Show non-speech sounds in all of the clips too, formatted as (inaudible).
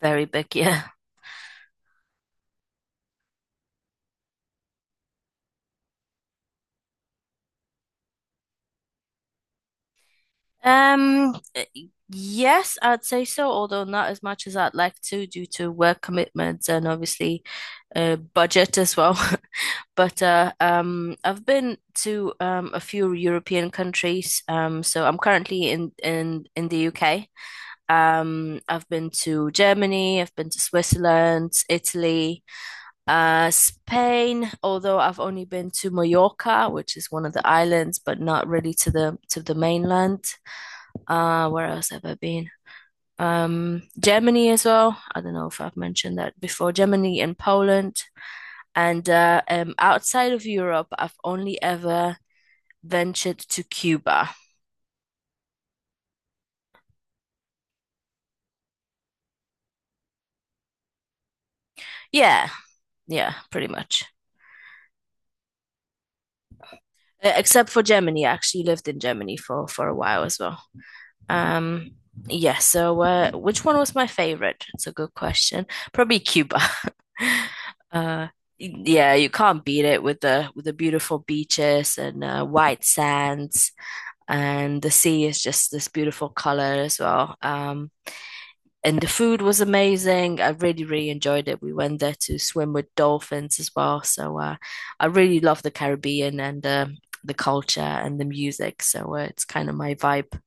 Very big, yeah. Um, uh, yes, I'd say so, although not as much as I'd like to due to work commitments and obviously budget as well. (laughs) But I've been to a few European countries. So I'm currently in the UK. I've been to Germany, I've been to Switzerland, Italy, Spain, although I've only been to Mallorca, which is one of the islands, but not really to the mainland. Where else have I been? Germany as well. I don't know if I've mentioned that before. Germany and Poland. And outside of Europe, I've only ever ventured to Cuba. Yeah, yeah, pretty much. Except for Germany. I actually lived in Germany for a while as well. Um, yeah, so which one was my favorite? It's a good question. Probably Cuba. (laughs) Uh, yeah, you can't beat it with the beautiful beaches and white sands, and the sea is just this beautiful color as well. And the food was amazing. I really, really enjoyed it. We went there to swim with dolphins as well. So I really love the Caribbean and the culture and the music. So it's kind of my vibe.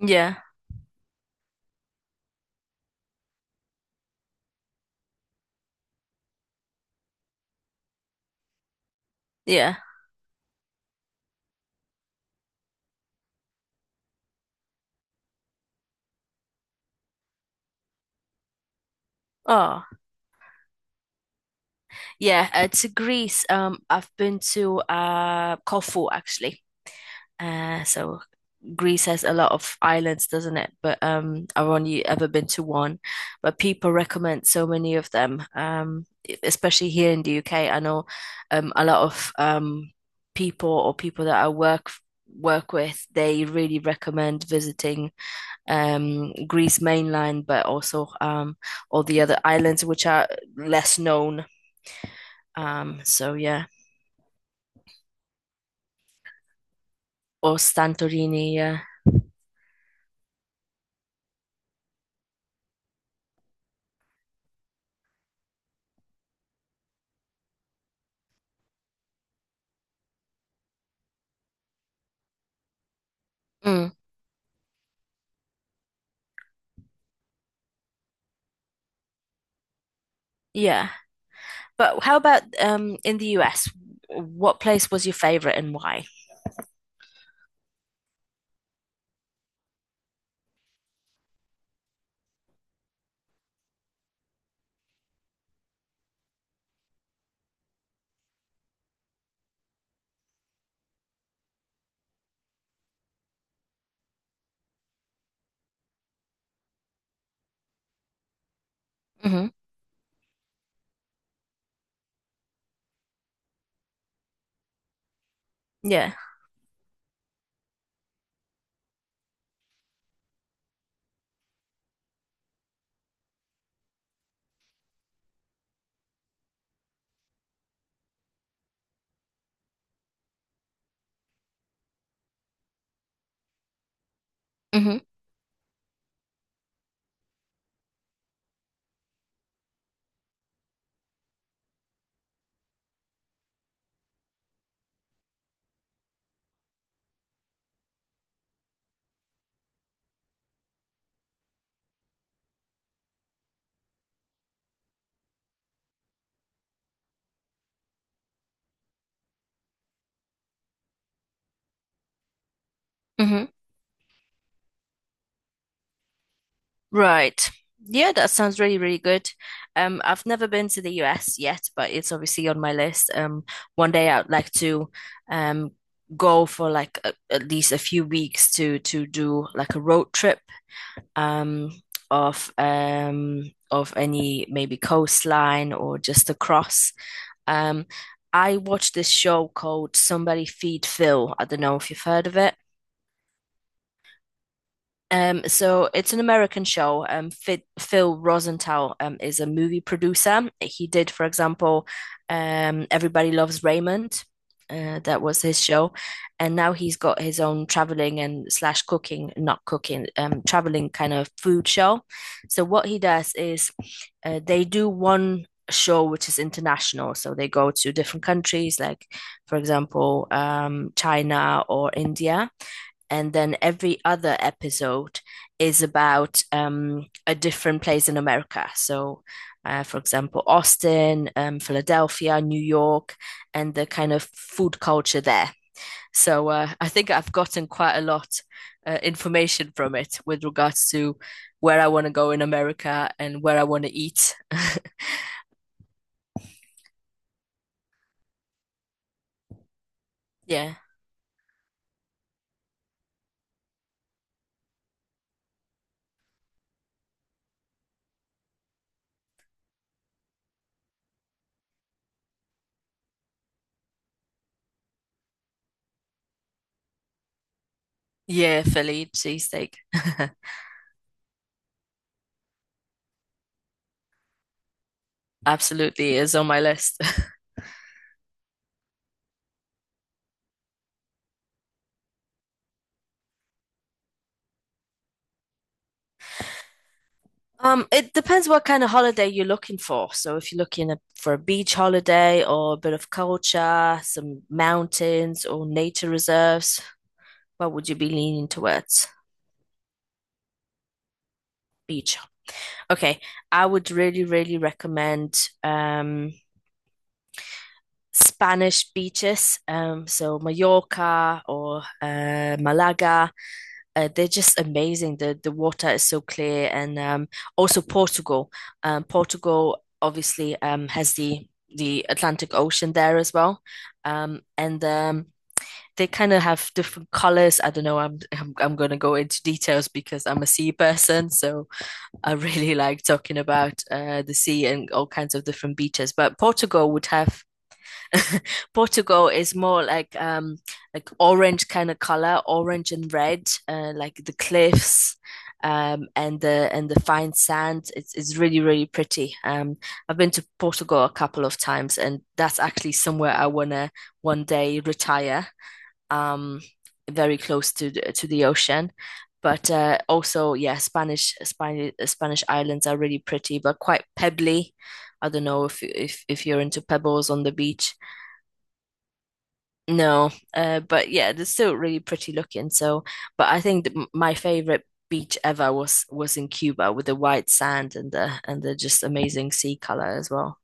Yeah, yeah. Oh. Yeah, to Greece. I've been to Corfu actually. So Greece has a lot of islands, doesn't it? But I've only ever been to one. But people recommend so many of them. Especially here in the UK, I know a lot of people or people that I work with, they really recommend visiting Greece mainland, but also all the other islands which are less known. So yeah. Or Santorini, yeah. Mm, yeah. But how about in the US? What place was your favorite and why? Hmm. Yeah. Hmm. Hmm. Right. Yeah, that sounds really, really good. I've never been to the US yet, but it's obviously on my list. One day I'd like to um go for like a, at least a few weeks to do like a road trip um, of any maybe coastline or just across. Um, I watched this show called Somebody Feed Phil. I don't know if you've heard of it. So it's an American show. Phil Rosenthal is a movie producer. He did, for example, Everybody Loves Raymond. That was his show, and now he's got his own traveling and slash cooking, not cooking, traveling kind of food show. So what he does is, they do one show which is international. So they go to different countries, like for example, China or India, and then every other episode is about a different place in America. So, for example, Austin, Philadelphia, New York, and the kind of food culture there. So, I think I've gotten quite a lot information from it with regards to where I want to go in America and where I want to eat. (laughs) Yeah. Yeah, Philly cheesesteak. (laughs) Absolutely is on my list. (laughs) It depends what kind of holiday you're looking for. So if you're looking at, for a beach holiday or a bit of culture, some mountains or nature reserves, what would you be leaning towards? Beach. Okay, I would really, really recommend um, Spanish beaches. So Mallorca or Malaga. They're just amazing. The water is so clear, and also Portugal. Portugal obviously has the Atlantic Ocean there as well, and they kind of have different colors. I don't know. I'm going to go into details because I'm a sea person, so I really (laughs) like talking about the sea and all kinds of different beaches. But Portugal would have (laughs) Portugal is more like orange kind of color, orange and red, like the cliffs and the fine sand. It's really really pretty. I've been to Portugal a couple of times, and that's actually somewhere I wanna one day retire. Um, Very close to the ocean. But also, yeah, Spanish islands are really pretty, but quite pebbly. I don't know if you're into pebbles on the beach. No, but yeah, they're still really pretty looking. So, but I think that my favorite beach ever was in Cuba with the white sand and the just amazing sea color as well.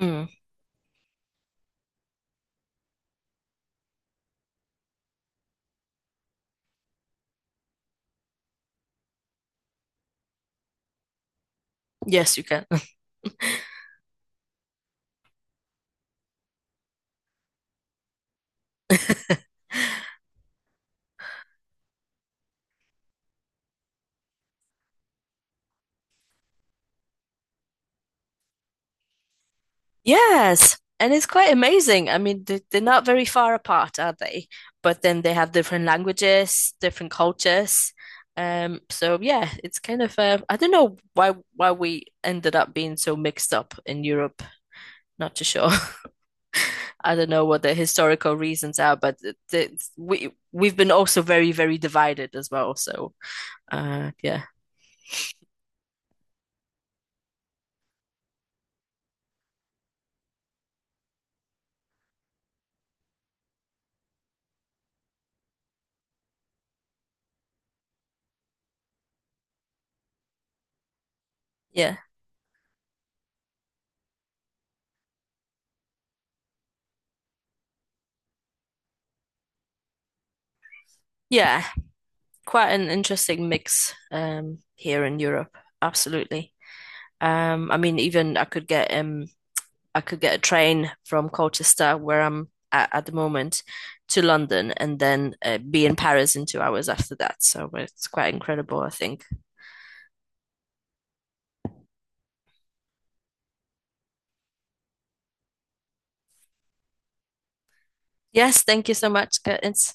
Mm. Yes, you can. (laughs) Yes, and it's quite amazing. I mean, they're not very far apart, are they? But then they have different languages, different cultures. So yeah, it's kind of I don't know why we ended up being so mixed up in Europe. Not too sure. (laughs) I don't know what the historical reasons are, but we we've been also very, very divided as well. So, uh, yeah, yeah, yeah, quite an interesting mix here in Europe. Absolutely. I mean, even I could get a train from Colchester, where I'm at the moment, to London, and then be in Paris in 2 hours after that. So it's quite incredible, I think. Yes, thank you so much, Curtis.